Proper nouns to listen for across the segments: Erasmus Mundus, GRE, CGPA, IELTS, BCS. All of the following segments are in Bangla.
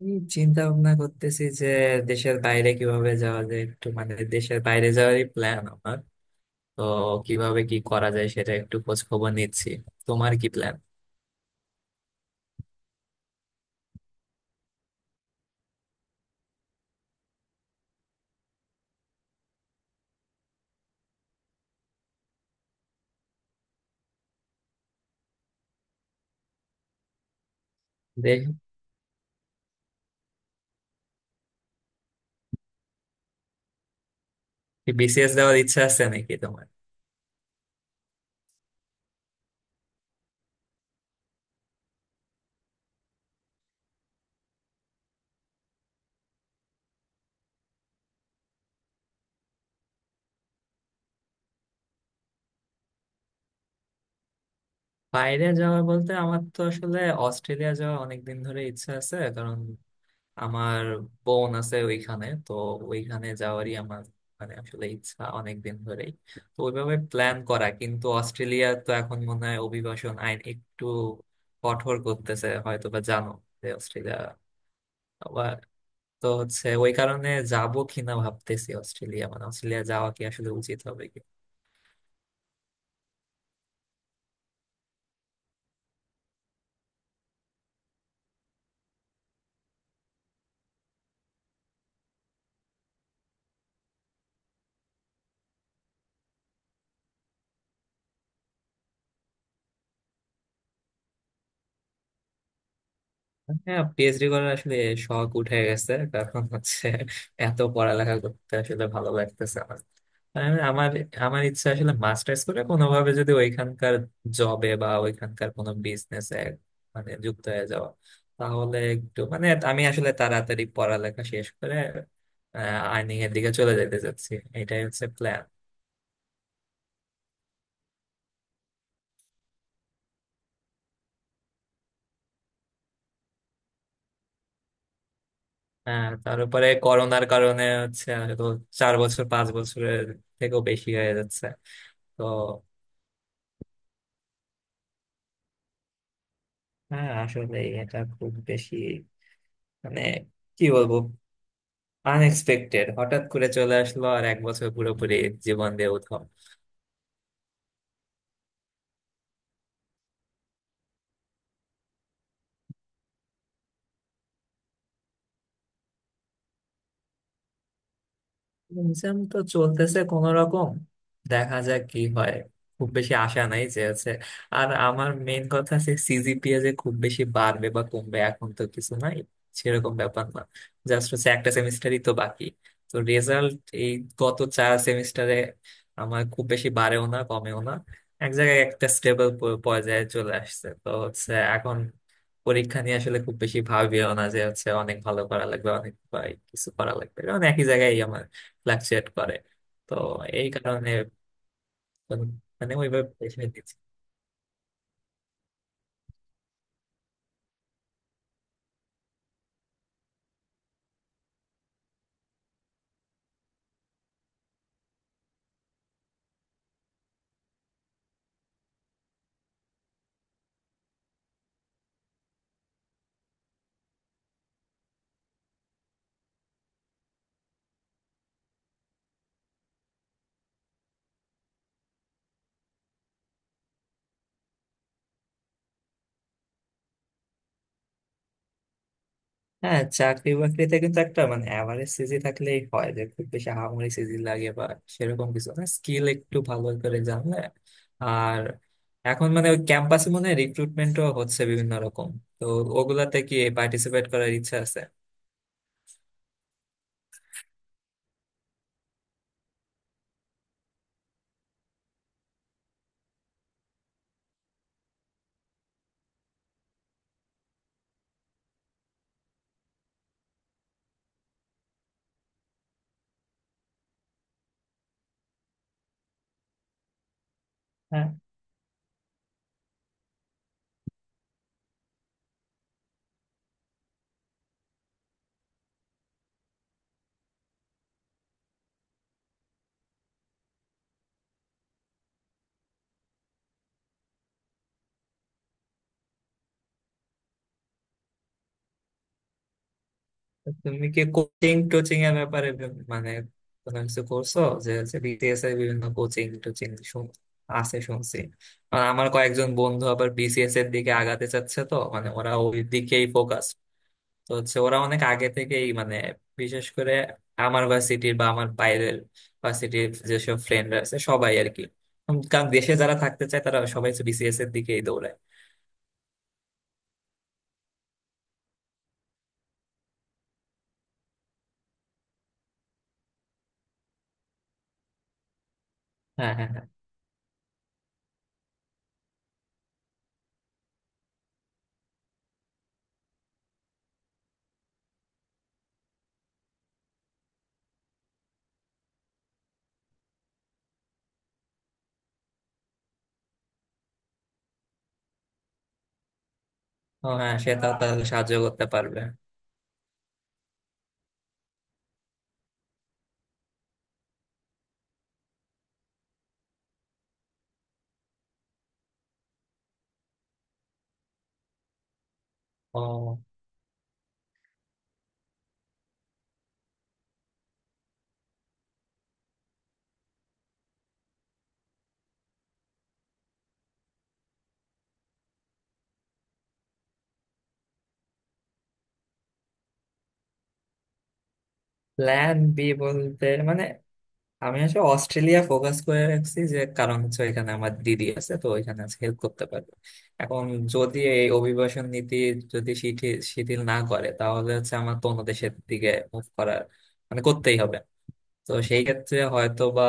আমি চিন্তা ভাবনা করতেছি যে দেশের বাইরে কিভাবে যাওয়া যায়, একটু মানে দেশের বাইরে যাওয়ারই প্ল্যান আমার। তো কিভাবে কি করা যায় সেটা একটু খোঁজ খবর নিচ্ছি। তোমার কি প্ল্যান? দেখি বিসিএস দেওয়ার ইচ্ছা আছে নাকি তোমার? বাইরে যাওয়া বলতে আমার তো আসলে অস্ট্রেলিয়া যাওয়া অনেকদিন ধরে ইচ্ছা আছে। আমার বোন আছে ওইখানে, তো ওইখানে যাওয়ারই আমার মানে আসলে ইচ্ছা অনেকদিন ধরেই। তো ওইভাবে প্ল্যান করা, কিন্তু অস্ট্রেলিয়া তো এখন মনে হয় অভিবাসন আইন একটু কঠোর করতেছে, হয়তো বা জানো যে অস্ট্রেলিয়া আবার। তো হচ্ছে ওই কারণে যাবো কিনা ভাবতেছি, অস্ট্রেলিয়া মানে অস্ট্রেলিয়া যাওয়া কি আসলে উচিত হবে। হ্যাঁ পিএইচডি করার আসলে শখ উঠে গেছে, কারণ হচ্ছে এত পড়ালেখা করতে আসলে ভালো লাগতেছে আমার। আর আমার আমার ইচ্ছা আসলে মাস্টার্স করে কোনোভাবে যদি ওইখানকার জবে বা ওইখানকার কোনো বিজনেসে মানে যুক্ত হয়ে যাওয়া, তাহলে একটু মানে আমি আসলে তাড়াতাড়ি পড়ালেখা শেষ করে আর্নিং এর দিকে চলে যেতে চাচ্ছি। এটাই হচ্ছে প্ল্যান। হ্যাঁ তারপরে করোনার কারণে হচ্ছে হয়তো 4 বছর 5 বছরের থেকেও বেশি হয়ে যাচ্ছে। তো হ্যাঁ আসলে এটা খুব বেশি মানে কি বলবো, আনএক্সপেক্টেড হঠাৎ করে চলে আসলো, আর এক বছর পুরোপুরি জীবন দিয়ে উধাও। এক্সাম তো চলতেছে কোন রকম, দেখা যাক কি হয়। খুব বেশি আশা নাই যে আছে। আর আমার মেইন কথা আছে সিজিপিএ যে খুব বেশি বাড়বে বা কমবে এখন তো কিছু নাই, সেরকম ব্যাপার না। জাস্ট হচ্ছে একটা সেমিস্টারই তো বাকি। তো রেজাল্ট এই গত চার সেমিস্টারে আমার খুব বেশি বাড়েও না কমেও না, এক জায়গায় একটা স্টেবল পর্যায়ে চলে আসছে। তো হচ্ছে এখন পরীক্ষা নিয়ে আসলে খুব বেশি ভাবিও না যে হচ্ছে অনেক ভালো করা লাগবে অনেক বা কিছু করা লাগবে, কারণ একই জায়গায় ফ্লাকচুয়েট করে। তো এই কারণে মানে ওইভাবে প্রেশার দিচ্ছি। হ্যাঁ চাকরি বাকরিতে কিন্তু একটা মানে অ্যাভারেজ সিজি থাকলেই হয়, যে খুব বেশি হামাগুড়ি সিজি লাগে বা সেরকম কিছু না, স্কিল একটু ভালো করে জানলে। আর এখন মানে ওই ক্যাম্পাসে মনে হয় রিক্রুটমেন্টও হচ্ছে বিভিন্ন রকম। তো ওগুলাতে কি পার্টিসিপেট করার ইচ্ছা আছে? তো তুমি কি কোচিং টোচিং এর ব্যাপারে মানে কোনো কিছু করছো? যে হচ্ছে বিসিএস এর বিভিন্ন কোচিং টোচিং আছে শুনছি। আর আমার কয়েকজন বন্ধু আবার বিসিএস এর দিকে আগাতে চাচ্ছে, তো মানে ওরা ওই দিকেই ফোকাস। তো হচ্ছে ওরা অনেক আগে থেকেই মানে, বিশেষ করে আমার ভার্সিটির বা আমার বাইরের ভার্সিটির যেসব ফ্রেন্ডরা আছে সবাই আর কি। কারণ দেশে যারা থাকতে চায় তারা সবাই বিসিএস এর দিকেই দৌড়ায়। হ্যাঁ, হ্যাঁ, হ্যাঁ। ও হ্যাঁ, সে তা তাহলে সাহায্য করতে পারবে। ও, প্ল্যান বি বলতে মানে আমি আসলে অস্ট্রেলিয়া ফোকাস করে রাখছি, যে কারণ হচ্ছে এখানে আমার দিদি আছে, তো ওইখানে হেল্প করতে পারবে। এখন যদি এই অভিবাসন নীতি যদি শিথিল শিথিল না করে, তাহলে হচ্ছে আমার তো অন্য দেশের দিকে মুভ করার মানে করতেই হবে। তো সেই ক্ষেত্রে হয়তো বা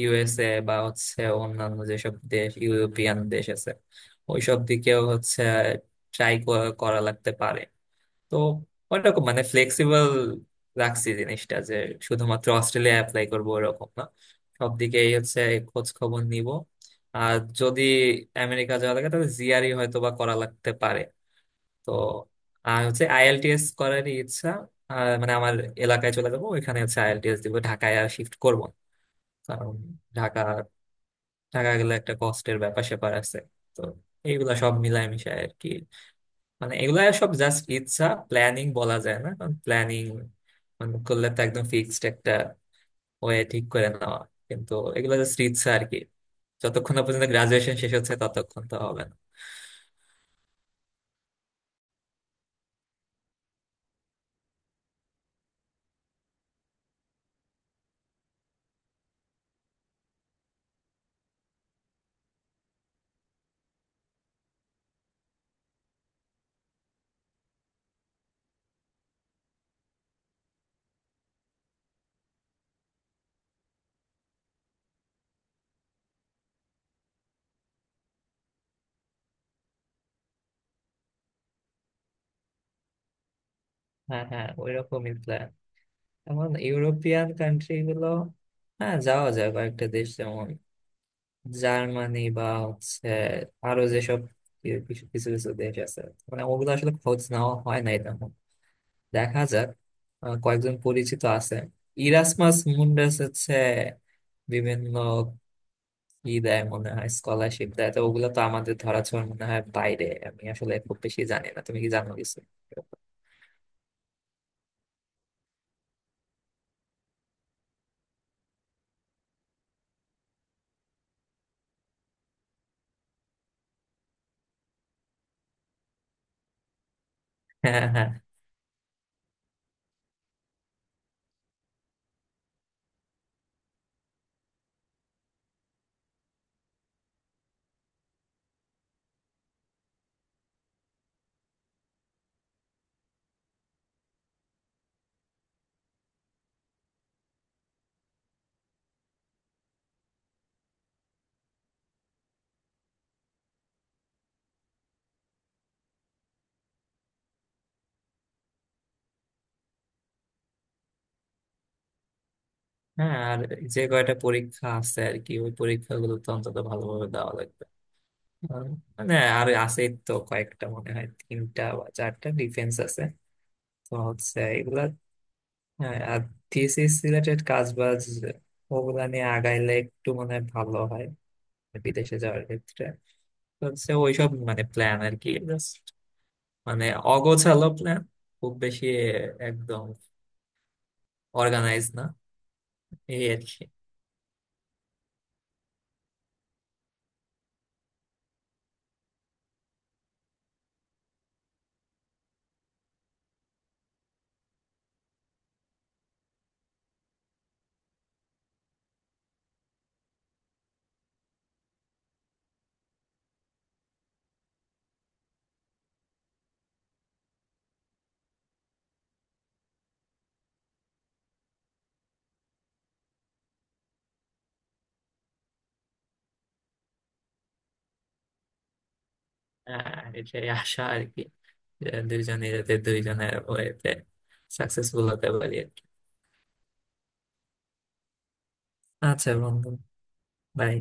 ইউএসএ বা হচ্ছে অন্যান্য যেসব দেশ ইউরোপিয়ান দেশ আছে ওইসব দিকেও হচ্ছে ট্রাই করা লাগতে পারে। তো ওইরকম মানে ফ্লেক্সিবল রাখছি জিনিসটা, যে শুধুমাত্র অস্ট্রেলিয়া অ্যাপ্লাই করবো এরকম না, সব দিকেই হচ্ছে খোঁজ খবর নিব। আর যদি আমেরিকা যাওয়া লাগে তাহলে জিআরই হয়তো বা করা লাগতে পারে। তো আর হচ্ছে আইএলটিএস করারই ইচ্ছা। আর মানে আমার এলাকায় চলে যাবো, ওইখানে হচ্ছে আইএলটিএস দিব, ঢাকায় আর শিফট করবো না। কারণ ঢাকা ঢাকা গেলে একটা কষ্টের ব্যাপার স্যাপার আছে। তো এইগুলা সব মিলায় মিশায় আর কি, মানে এগুলা সব জাস্ট ইচ্ছা, প্ল্যানিং বলা যায় না, কারণ প্ল্যানিং মানে করলে তো একদম ফিক্সড একটা ওয়ে ঠিক করে নেওয়া, কিন্তু এগুলো জাস্ট ইচ্ছা আর কি। যতক্ষণ না পর্যন্ত গ্রাজুয়েশন শেষ হচ্ছে ততক্ষণ তো হবে না। হ্যাঁ, হ্যাঁ ওই রকমই প্ল্যান। এখন ইউরোপিয়ান কান্ট্রি গুলো, হ্যাঁ যাওয়া যায় কয়েকটা দেশ, যেমন জার্মানি বা হচ্ছে আরো যেসব কিছু কিছু কিছু দেশ আছে, মানে ওগুলো আসলে খোঁজ নেওয়া হয় না এটা। দেখা যাক। কয়েকজন পরিচিত আছে। ইরাসমাস মুন্ডাস হচ্ছে বিভিন্ন কি দেয় মনে হয় স্কলারশিপ দেয়, তো ওগুলো তো আমাদের ধরাছোঁয়ার মনে হয় বাইরে, আমি আসলে খুব বেশি জানি না, তুমি কি জানো কিছু? হ্যাঁ, হ্যাঁ, হ্যাঁ। হ্যাঁ, আর যে কয়টা পরীক্ষা আছে আর কি, ওই পরীক্ষাগুলো তো অন্তত ভালোভাবে দেওয়া লাগবে। আর মানে আর আছে তো কয়েকটা, মনে হয় তিনটা বা চারটা ডিফেন্স আছে, তো হচ্ছে এগুলা। হ্যাঁ আর থিসিস রিলেটেড কাজ বাজ ওগুলা নিয়ে আগাইলে একটু মনে হয় ভালো হয়, বিদেশে যাওয়ার ক্ষেত্রে। তো হচ্ছে ওইসব মানে প্ল্যান আর কি, জাস্ট মানে অগোছালো প্ল্যান, খুব বেশি একদম অর্গানাইজ না। এই আর কি। এটাই আশা আর কি, যে দুইজনে যাতে দুইজনের ওয়েতে সাকসেসফুল হতে পারি আর কি। আচ্ছা বন্ধু, bye.